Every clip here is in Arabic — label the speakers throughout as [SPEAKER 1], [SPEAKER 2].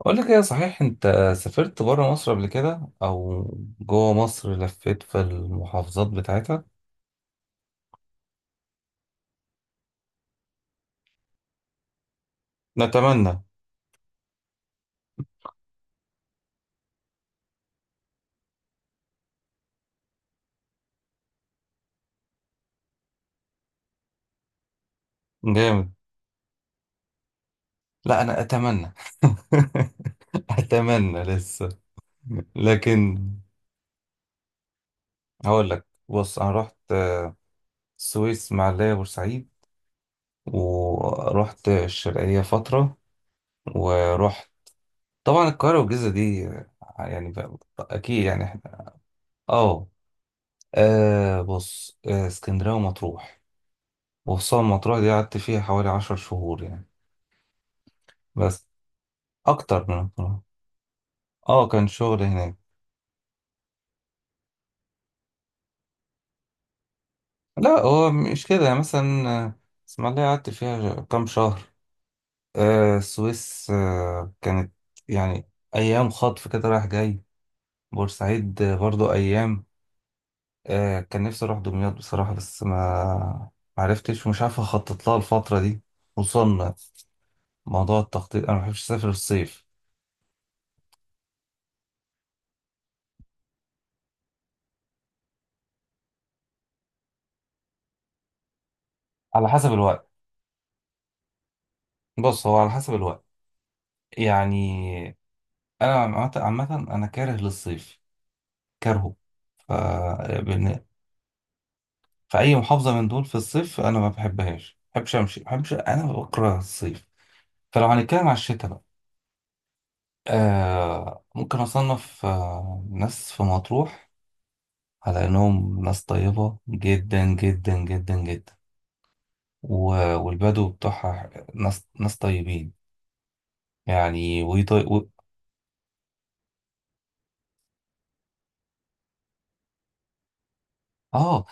[SPEAKER 1] أقول لك إيه؟ صحيح أنت سافرت برا مصر قبل كده، أو جوه مصر لفيت في المحافظات بتاعتها؟ نتمنى. جامد. لا أنا أتمنى. أتمنى لسه، لكن هقول لك. بص، أنا رحت السويس، معلية بورسعيد، ورحت الشرقية فترة، ورحت طبعا القاهرة والجيزة دي. أكيد يعني إحنا آه. آه، بص آه، اسكندرية ومطروح، وخصوصا مطروح دي قعدت فيها حوالي عشر شهور يعني. بس أكتر من مطروح. اه كان شغل هناك. لا هو مش كده. يعني مثلا اسماعيلية قعدت فيها كام شهر. السويس كانت يعني أيام خطف كده، رايح جاي. بورسعيد برضو أيام. كان نفسي أروح دمياط بصراحة، بس ما معرفتش، ومش عارف أخطط لها الفترة دي. خصوصا موضوع التخطيط، أنا ما بحبش أسافر الصيف. على حسب الوقت. بص، هو على حسب الوقت يعني. انا عامه عامة انا كاره للصيف، كارهه. ف بن- فاي محافظه من دول في الصيف انا ما بحبهاش، ما بحبش امشي، ما بحبش. انا بكره الصيف. فلو هنتكلم على الشتاء بقى، آه ممكن اصنف آه ناس في مطروح على انهم ناس طيبه جدا جدا جدا جدا. والبدو بتوعها ناس طيبين يعني. اه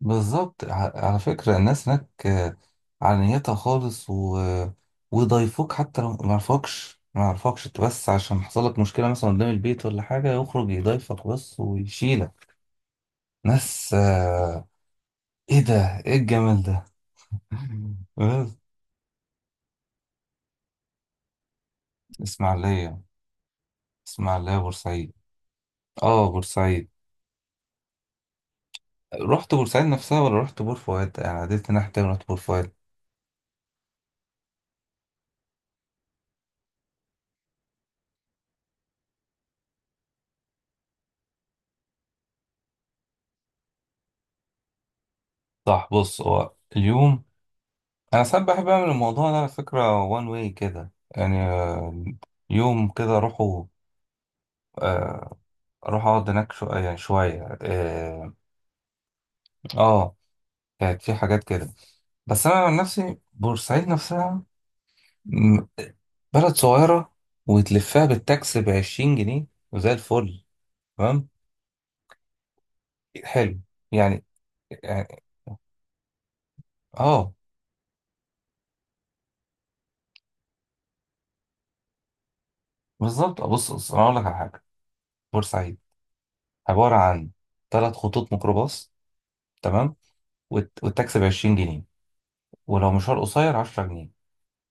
[SPEAKER 1] بالظبط. على فكرة الناس هناك على نيتها خالص. ويضايفوك حتى لو ما يعرفكش، انت، بس عشان حصل لك مشكلة مثلا قدام البيت ولا حاجة، يخرج يضايفك بس ويشيلك. ناس ايه ده، ايه الجمال ده. بس اسماعيلية. بورسعيد. اه بورسعيد. رحت بورسعيد نفسها ولا رحت بور فؤاد؟ انا عديت ناحية تانية، رحت بور فؤاد. صح. بص هو اليوم، انا ساعات بحب اعمل الموضوع ده، على فكره، وان واي كده. يعني يوم كده اروحه، آه، اروح اقعد هناك شو يعني شويه. اه آه، كانت في حاجات كده. بس انا عن نفسي بورسعيد نفسها م- بلد صغيره، وتلفها بالتاكس ب 20 جنيه، وزي الفل. تمام. حلو يعني. يعني اه بالظبط. بص بص انا اقول لك على حاجه. بورسعيد عباره عن ثلاث خطوط ميكروباص. تمام. والتاكسي ب 20 جنيه، ولو مشوار قصير 10 جنيه.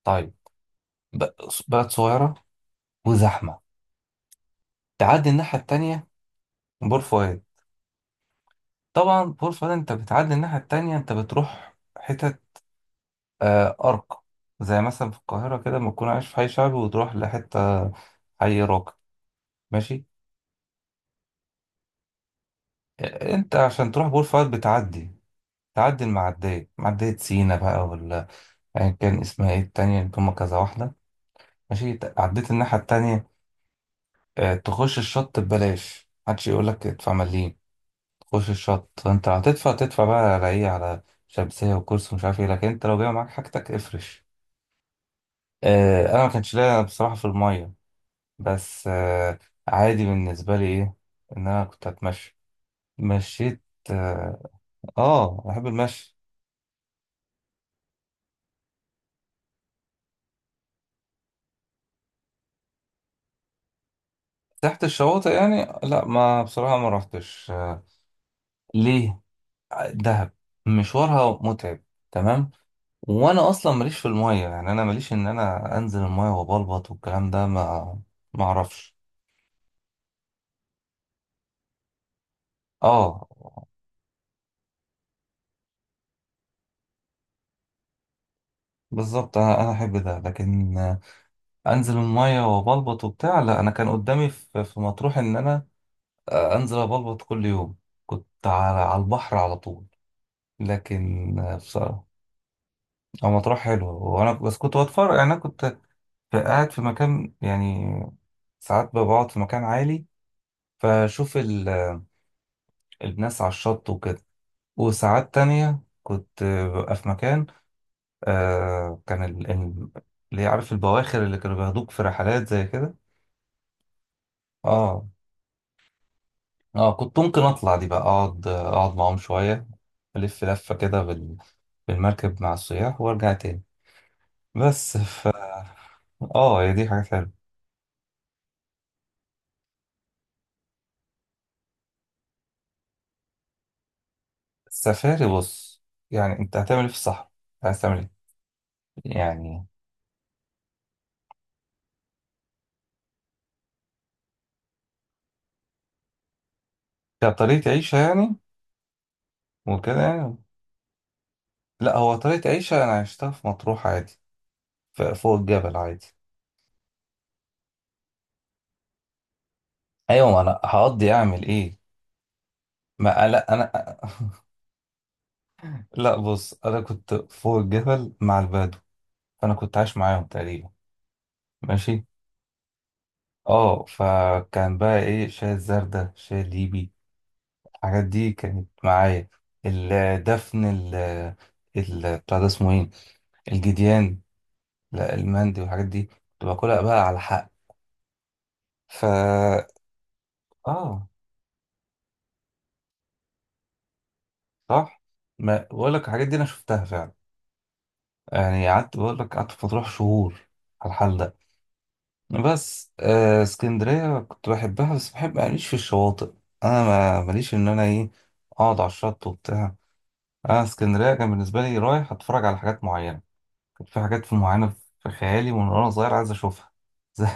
[SPEAKER 1] طيب. ب- بلد صغيرة وزحمة. تعدي الناحية التانية، بور فؤاد. طبعا بور فؤاد، انت بتعدي الناحية التانية، انت بتروح حتت آه أرقى. زي مثلا في القاهرة كده، لما تكون عايش في حي شعبي، وتروح لحتة حي راقي. ماشي. انت عشان تروح بور فؤاد بتعدي، تعدي المعدية، معدية سينا بقى ولا أيا كان اسمها، ايه التانية اللي هما كذا واحدة. ماشي. عديت الناحية التانية. تخش الشط ببلاش، محدش يقولك ادفع مليم. خش الشط، انت هتدفع، تدفع بقى على ايه؟ على شمسية وكرسي ومش عارف ايه. لكن انت لو جاي معاك حاجتك، افرش. اه انا ما كانش ليا بصراحة في المية. بس اه، عادي بالنسبة لي. ايه؟ ان انا كنت هتمشى، مشيت. اه بحب المشي. تحت الشواطئ يعني؟ لا ما بصراحة ما رحتش. اه ليه؟ دهب مشوارها متعب. تمام. وانا اصلا ماليش في المية يعني. انا ماليش ان انا انزل المية وبلبط، والكلام ده ما، ما اعرفش. اه بالظبط. انا احب ده، لكن انزل الميه وبلبط وبتاع لا. انا كان قدامي في مطروح ان انا انزل ابلبط كل يوم، كنت على البحر على طول. لكن بصراحه، هو مطروح حلو. وانا بس كنت بتفرج يعني. انا كنت قاعد في مكان يعني. ساعات بقعد في مكان عالي، فاشوف الناس على الشط وكده. وساعات تانية كنت ببقى في مكان، آه، كان ال- ال- اللي عارف البواخر اللي كانوا بياخدوك في رحلات زي كده. اه اه كنت ممكن اطلع دي بقى، اقعد معاهم شويه، الف لفه كده بالمركب مع السياح، وارجع تاني. بس ف... اه هي دي حاجات حلوه. السفاري؟ بص، يعني انت هتعمل ايه في الصحراء؟ عايز تعمل ايه يعني؟ كطريقه عيشه يعني، وكده يعني. لا هو طريقه عيشه انا عشتها في مطروح عادي. فوق الجبل عادي. ايوه ما انا هقضي اعمل ايه؟ ما لا انا. لا بص، انا كنت فوق الجبل مع البدو، فانا كنت عايش معاهم تقريبا. ماشي. اه فكان بقى ايه، الشاي الزردة، الشاي الليبي، الحاجات دي كانت معايا. الدفن، ال ال بتاع ده اسمه ايه؟ الجديان. لا المندي والحاجات دي كنت باكلها بقى على حق. فا اه صح. ما بقول لك الحاجات دي انا شفتها فعلا يعني. قعدت، بقول لك، قعدت في مطروح شهور على الحال ده. بس آه اسكندرية كنت بحبها، بس بحب ماليش في الشواطئ. انا ماليش ان انا ايه، اقعد على الشط وبتاع. اه اسكندريه كان بالنسبه لي رايح اتفرج على حاجات معينه. كانت في حاجات في معينه، في خيالي من وانا صغير، عايز اشوفها. زي-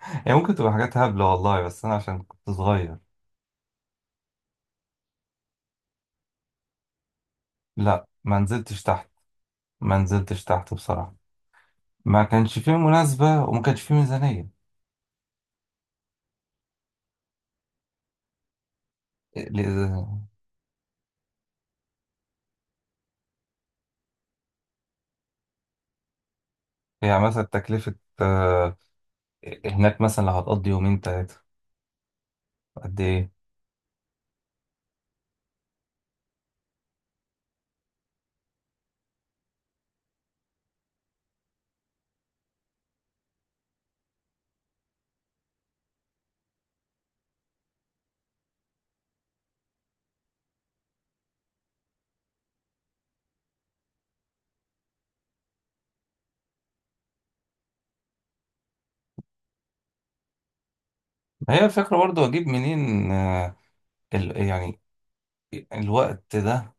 [SPEAKER 1] هي ممكن تبقى حاجات هبله والله، بس انا عشان كنت صغير. لا ما نزلتش تحت. ما نزلتش تحت بصراحه. ما كانش فيه مناسبه، وما كانش فيه ميزانيه. ل- يعني مثلا تكلفه آه، هناك مثلا لو هتقضي يومين تلاته قد ايه؟ ما هي الفكره برضو اجيب منين يعني الوقت ده.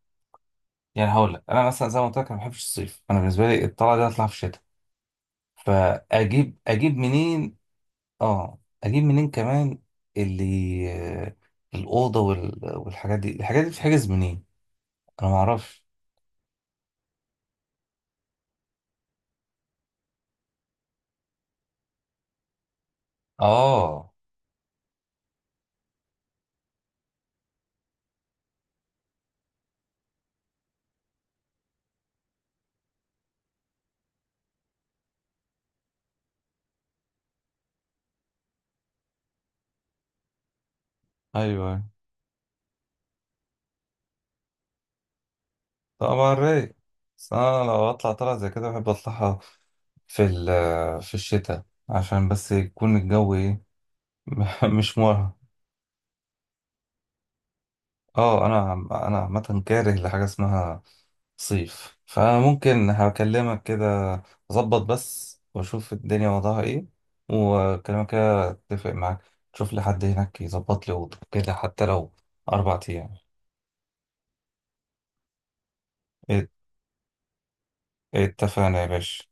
[SPEAKER 1] يعني هقول لك انا مثلا زي ما قلت لك، انا ما بحبش الصيف. انا بالنسبه لي الطلعه دي اطلع في الشتاء، فاجيب، منين؟ اه اجيب منين كمان اللي آه، الاوضه والحاجات دي، الحاجات دي بتتحجز منين؟ انا ما اعرفش. اه ايوه. طبعا رايق. بس انا لو اطلع طلعه زي كده، بحب اطلعها في الشتاء، عشان بس يكون الجو ايه، مش مرهق. اه انا عامه كاره لحاجه اسمها صيف، فممكن هكلمك كده، اظبط بس واشوف الدنيا وضعها ايه. وكلامك كده اتفق معاك. شوف لي حد هناك يظبط لي اوضه كده، حتى لو اربع ايام. ات- اتفقنا يا باشا.